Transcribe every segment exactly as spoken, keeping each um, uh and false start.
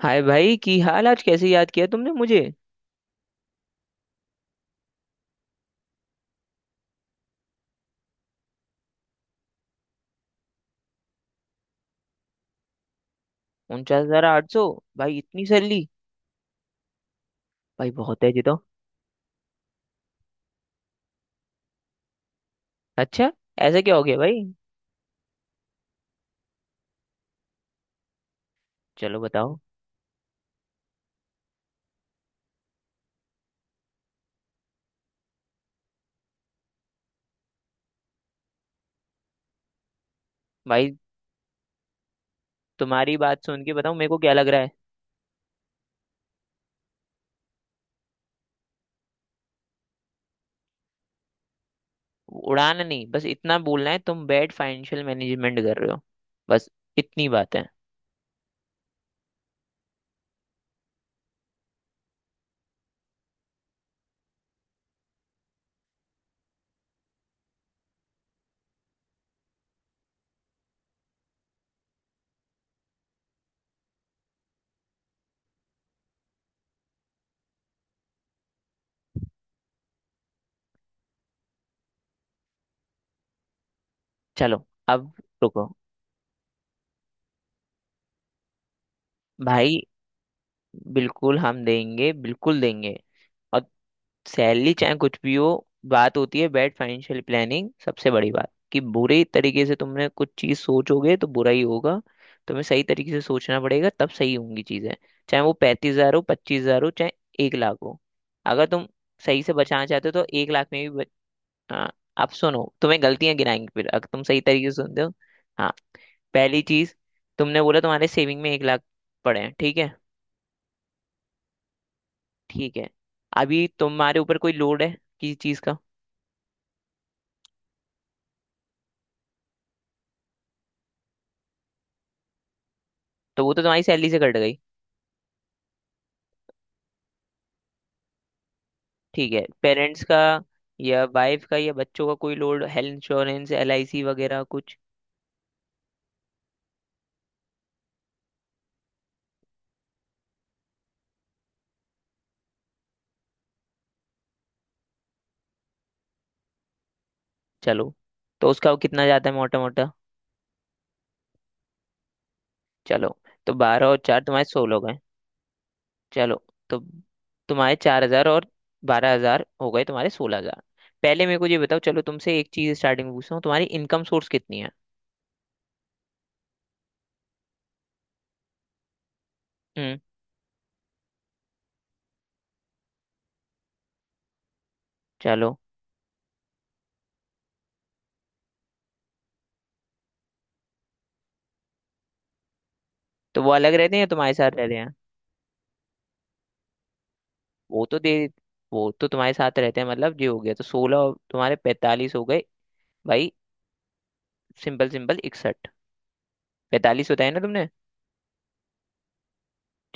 हाय भाई की हाल आज। कैसे याद किया तुमने मुझे। उनचास हजार आठ सौ। भाई इतनी सैलरी। भाई बहुत है जी तो। अच्छा। ऐसा क्या हो गया भाई। चलो बताओ। भाई तुम्हारी बात सुन के बताओ मेरे को क्या लग रहा है। उड़ान नहीं, बस इतना बोलना है तुम बैड फाइनेंशियल मैनेजमेंट कर रहे हो। बस। इतनी बात है। चलो अब रुको। भाई बिल्कुल हम देंगे, बिल्कुल देंगे। और सैलरी चाहे कुछ भी हो, बात होती है बैड फाइनेंशियल प्लानिंग। सबसे बड़ी बात कि बुरे तरीके से तुमने कुछ चीज सोचोगे तो बुरा ही होगा। तुम्हें सही तरीके से सोचना पड़ेगा तब सही होंगी चीजें। चाहे वो पैंतीस हजार हो, पच्चीस हजार हो, चाहे एक लाख हो। अगर तुम सही से बचाना चाहते हो तो एक लाख में भी बच- हाँ, आप सुनो, तुम्हें गलतियां गिनाएंगे। फिर अगर तुम सही तरीके से सुनते हो। हाँ, पहली चीज। तुमने बोला तुम्हारे सेविंग में एक लाख पड़े हैं, ठीक है। ठीक है, अभी तुम्हारे ऊपर कोई लोड है किसी चीज का। तो वो तो तुम्हारी सैलरी से कट गई, ठीक है। पेरेंट्स का या वाइफ का या बच्चों का कोई load, health insurance, L I C वगैरह कुछ। चलो। तो उसका वो कितना जाता है मोटा मोटा। चलो, तो बारह और चार तुम्हारे सोलह हो गए। चलो, तो तुम्हारे चार हजार और बारह हजार हो गए तुम्हारे सोलह हजार। पहले मेरे को ये बताओ, चलो तुमसे एक चीज स्टार्टिंग में पूछता हूँ, तुम्हारी इनकम सोर्स कितनी है। हम्म। चलो। तो वो अलग रहते हैं या तुम्हारे साथ रहते हैं। वो तो दे, वो तो तुम्हारे साथ रहते हैं, मतलब ये हो गया तो सोलह तुम्हारे पैंतालीस हो गए। भाई सिंपल सिंपल इकसठ। पैंतालीस बताया ना तुमने।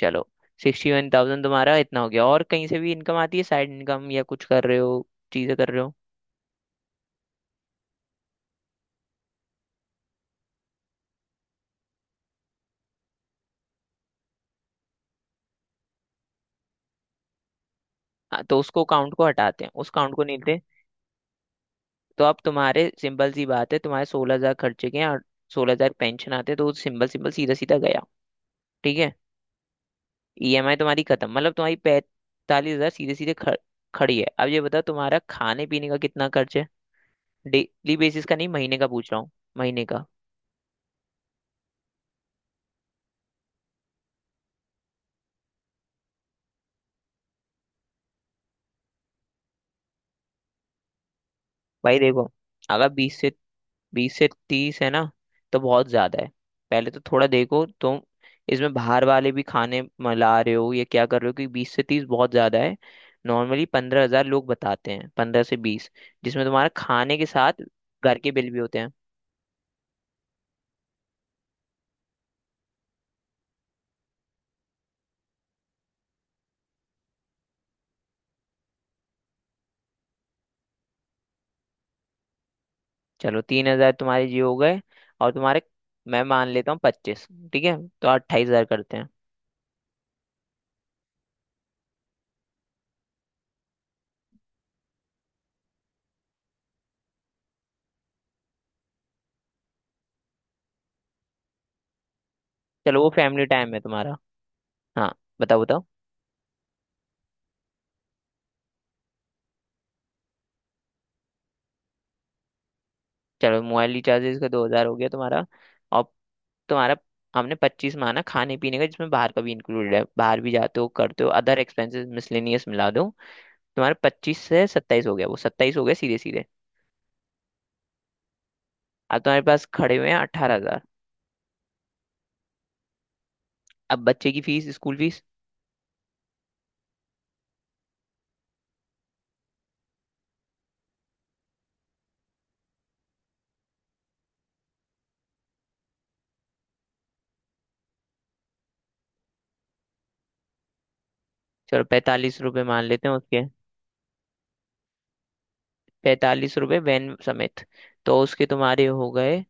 चलो। सिक्सटी वन थाउजेंड तुम्हारा इतना हो गया और कहीं से भी इनकम आती है, साइड इनकम या कुछ कर रहे हो चीजें कर रहे हो। हाँ, तो उसको काउंट को हटाते हैं, उस काउंट को नहीं लेते। तो अब तुम्हारे सिंपल सी बात है, तुम्हारे सोलह हजार खर्चे के हैं और सोलह हजार पेंशन आते हैं, तो सिंपल सिंपल सीधा सीधा गया, ठीक है। ईएमआई तुम्हारी खत्म, मतलब तुम्हारी पैंतालीस हजार सीधे सीधे ख- खड़ी है। अब ये बताओ तुम्हारा खाने पीने का कितना खर्च है। डेली बेसिस का नहीं, महीने का पूछ रहा हूँ। महीने का। भाई देखो, अगर बीस से, बीस से तीस है ना, तो बहुत ज्यादा है। पहले तो थोड़ा देखो तुम, इसमें बाहर वाले भी खाने मिला रहे हो या क्या कर रहे हो, क्योंकि बीस से तीस बहुत ज्यादा है। नॉर्मली पंद्रह हजार लोग बताते हैं, पंद्रह से बीस, जिसमें तुम्हारा खाने के साथ घर के बिल भी होते हैं। चलो तीन हजार तुम्हारे जी हो गए। और तुम्हारे, मैं मान लेता हूँ पच्चीस, ठीक है। तो अट्ठाईस हजार करते हैं। चलो वो फैमिली टाइम है तुम्हारा। हाँ बताओ बताओ। चलो मोबाइल रिचार्जेस का दो हजार हो गया तुम्हारा। और तुम्हारा, हमने पच्चीस माना खाने पीने का जिसमें बाहर का भी इंक्लूडेड है, बाहर भी जाते हो करते हो, अदर एक्सपेंसेस मिसलेनियस मिला दो। तुम्हारे पच्चीस से सत्ताईस हो गया वो, सत्ताईस हो गया सीधे सीधे। अब तुम्हारे पास खड़े हुए हैं अट्ठारह हजार। अब बच्चे की फीस स्कूल फीस। चलो पैंतालीस रुपये मान लेते हैं उसके, पैंतालीस रुपये वैन समेत। तो उसके तुम्हारे हो गए।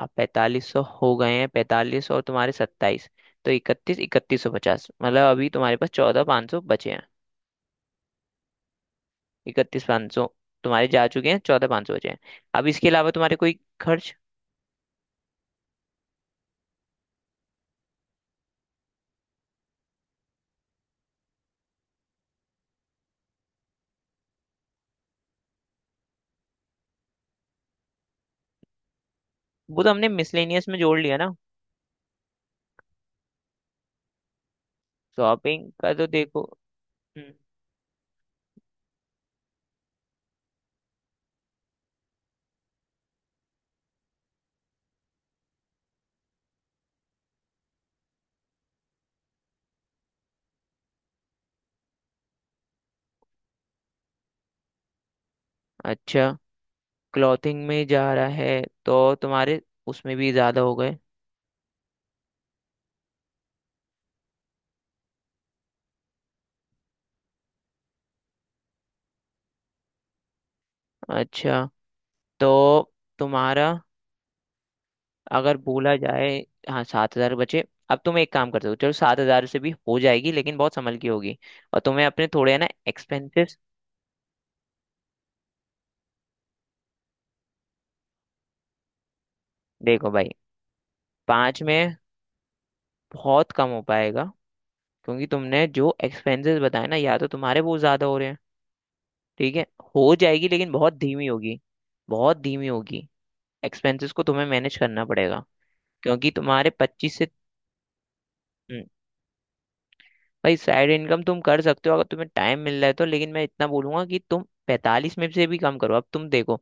अब पैंतालीस सौ हो गए हैं पैंतालीस और तुम्हारे सत्ताईस, तो इकतीस, इकतीस सौ पचास, मतलब अभी तुम्हारे पास चौदह पाँच सौ बचे हैं। इकतीस पाँच सौ तुम्हारे जा चुके हैं, चौदह पाँच सौ बचे हैं। अब इसके अलावा तुम्हारे कोई खर्च। वो तो हमने मिसलेनियस में जोड़ लिया ना। शॉपिंग का तो देखो। हम्म। अच्छा। क्लॉथिंग में जा रहा है तो तुम्हारे उसमें भी ज़्यादा हो गए। अच्छा। तो तुम्हारा अगर बोला जाए, हाँ सात हज़ार बचे। अब तुम एक काम कर सकते हो, चलो सात हज़ार से भी हो जाएगी लेकिन बहुत संभल की होगी, और तुम्हें अपने थोड़े है ना एक्सपेंसेस। देखो भाई, पाँच में बहुत कम हो पाएगा क्योंकि तुमने जो एक्सपेंसेस बताए ना, या तो तुम्हारे वो ज्यादा हो रहे हैं। ठीक है, हो जाएगी लेकिन बहुत धीमी होगी। बहुत धीमी होगी। एक्सपेंसेस को तुम्हें मैनेज करना पड़ेगा क्योंकि तुम्हारे पच्चीस से। हम्म। भाई साइड इनकम तुम कर सकते हो अगर तुम्हें टाइम मिल रहा है तो, लेकिन मैं इतना बोलूंगा कि तुम पैंतालीस में से भी कम करो। अब तुम देखो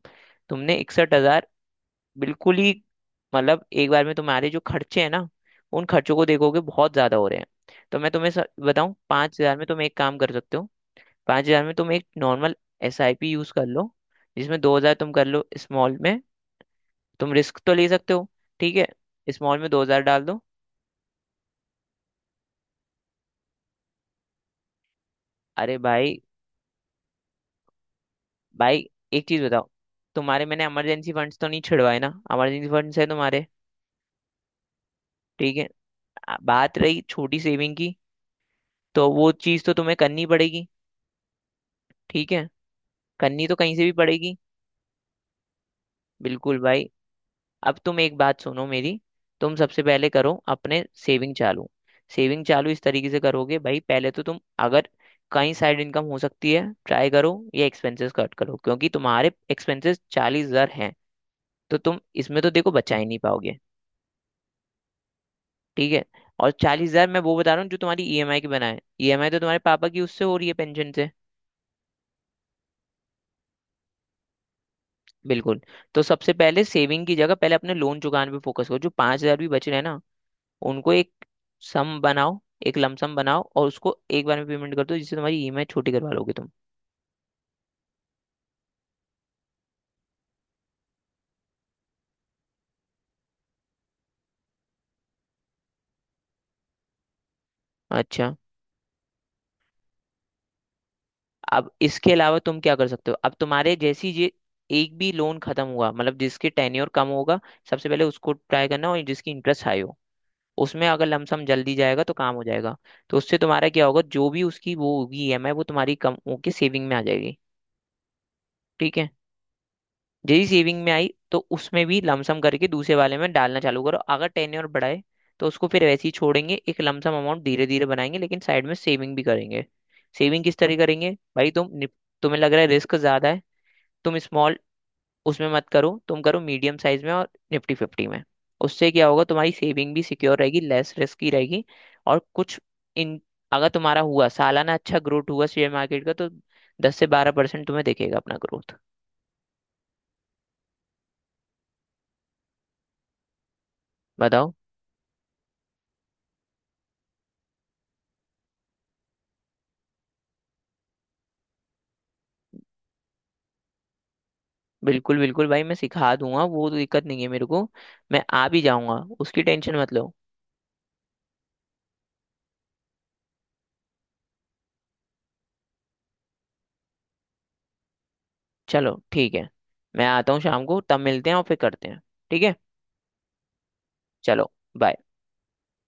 तुमने इकसठ हजार बिल्कुल ही, मतलब एक बार में तुम्हारे जो खर्चे हैं ना, उन खर्चों को देखोगे बहुत ज्यादा हो रहे हैं। तो मैं तुम्हें स- बताऊं, पांच हजार में तुम एक काम कर सकते हो। पाँच हजार में तुम एक normal S I P use कर लो, जिसमें दो हजार तुम कर लो स्मॉल में। तुम रिस्क तो ले सकते हो, ठीक है। स्मॉल में दो हजार डाल दो। अरे भाई। भाई एक चीज बताओ, तुम्हारे मैंने इमरजेंसी फंड्स तो नहीं छिड़वाए ना। इमरजेंसी फंड्स है तुम्हारे, ठीक है। आ- बात रही छोटी सेविंग की, तो वो चीज तो तुम्हें करनी पड़ेगी। ठीक है, करनी तो कहीं से भी पड़ेगी। बिल्कुल भाई। अब तुम एक बात सुनो मेरी, तुम सबसे पहले करो अपने सेविंग चालू। सेविंग चालू इस तरीके से करोगे भाई, पहले तो तुम अगर कहीं साइड इनकम हो सकती है ट्राई करो या एक्सपेंसेस कट करो, क्योंकि तुम्हारे एक्सपेंसेस चालीस हजार हैं, तो तुम इसमें तो देखो बचा ही नहीं पाओगे, ठीक है। और चालीस हजार मैं वो बता रहा हूँ जो तुम्हारी ईएमआई की बना है, ईएमआई तो तुम्हारे पापा की उससे हो रही है पेंशन से। बिल्कुल। तो सबसे पहले सेविंग की जगह पहले अपने लोन चुकाने पे फोकस करो। जो पांच हजार भी बच रहे हैं ना, उनको एक सम बनाओ, एक लमसम बनाओ और उसको एक बार में पेमेंट कर दो, जिससे तुम्हारी ईएमआई छोटी करवा लोगे तुम। अच्छा, अब इसके अलावा तुम क्या कर सकते हो। अब तुम्हारे जैसी ये एक भी लोन खत्म हुआ मतलब जिसके टेन्योर कम होगा सबसे पहले उसको ट्राई करना, और जिसकी इंटरेस्ट हाई हो उसमें अगर लमसम जल्दी जाएगा तो काम हो जाएगा। तो उससे तुम्हारा क्या होगा, जो भी उसकी वो होगी ईएमआई वो तुम्हारी कम होके सेविंग में आ जाएगी, ठीक है। यदि सेविंग में आई तो उसमें भी लमसम करके दूसरे वाले में डालना चालू करो, अगर टेन ईयर बढ़ाए तो उसको फिर वैसे ही छोड़ेंगे, एक लमसम अमाउंट धीरे धीरे बनाएंगे लेकिन साइड में सेविंग भी करेंगे। सेविंग किस तरह करेंगे, भाई तुम निप- तुम्हें लग रहा है रिस्क ज्यादा है। तुम स्मॉल उसमें मत करो, तुम करो मीडियम साइज में और निफ्टी फिफ्टी में। उससे क्या होगा, तुम्हारी सेविंग भी सिक्योर रहेगी, लेस रिस्क की रहेगी। और कुछ इन अगर तुम्हारा हुआ सालाना अच्छा ग्रोथ हुआ शेयर मार्केट का तो दस से बारह परसेंट तुम्हें दिखेगा अपना ग्रोथ। बताओ। बिल्कुल बिल्कुल भाई मैं सिखा दूंगा, वो तो दिक्कत नहीं है मेरे को। मैं आ भी जाऊंगा, उसकी टेंशन मत लो। चलो ठीक है, मैं आता हूँ शाम को तब मिलते हैं और फिर करते हैं। ठीक है। चलो bye।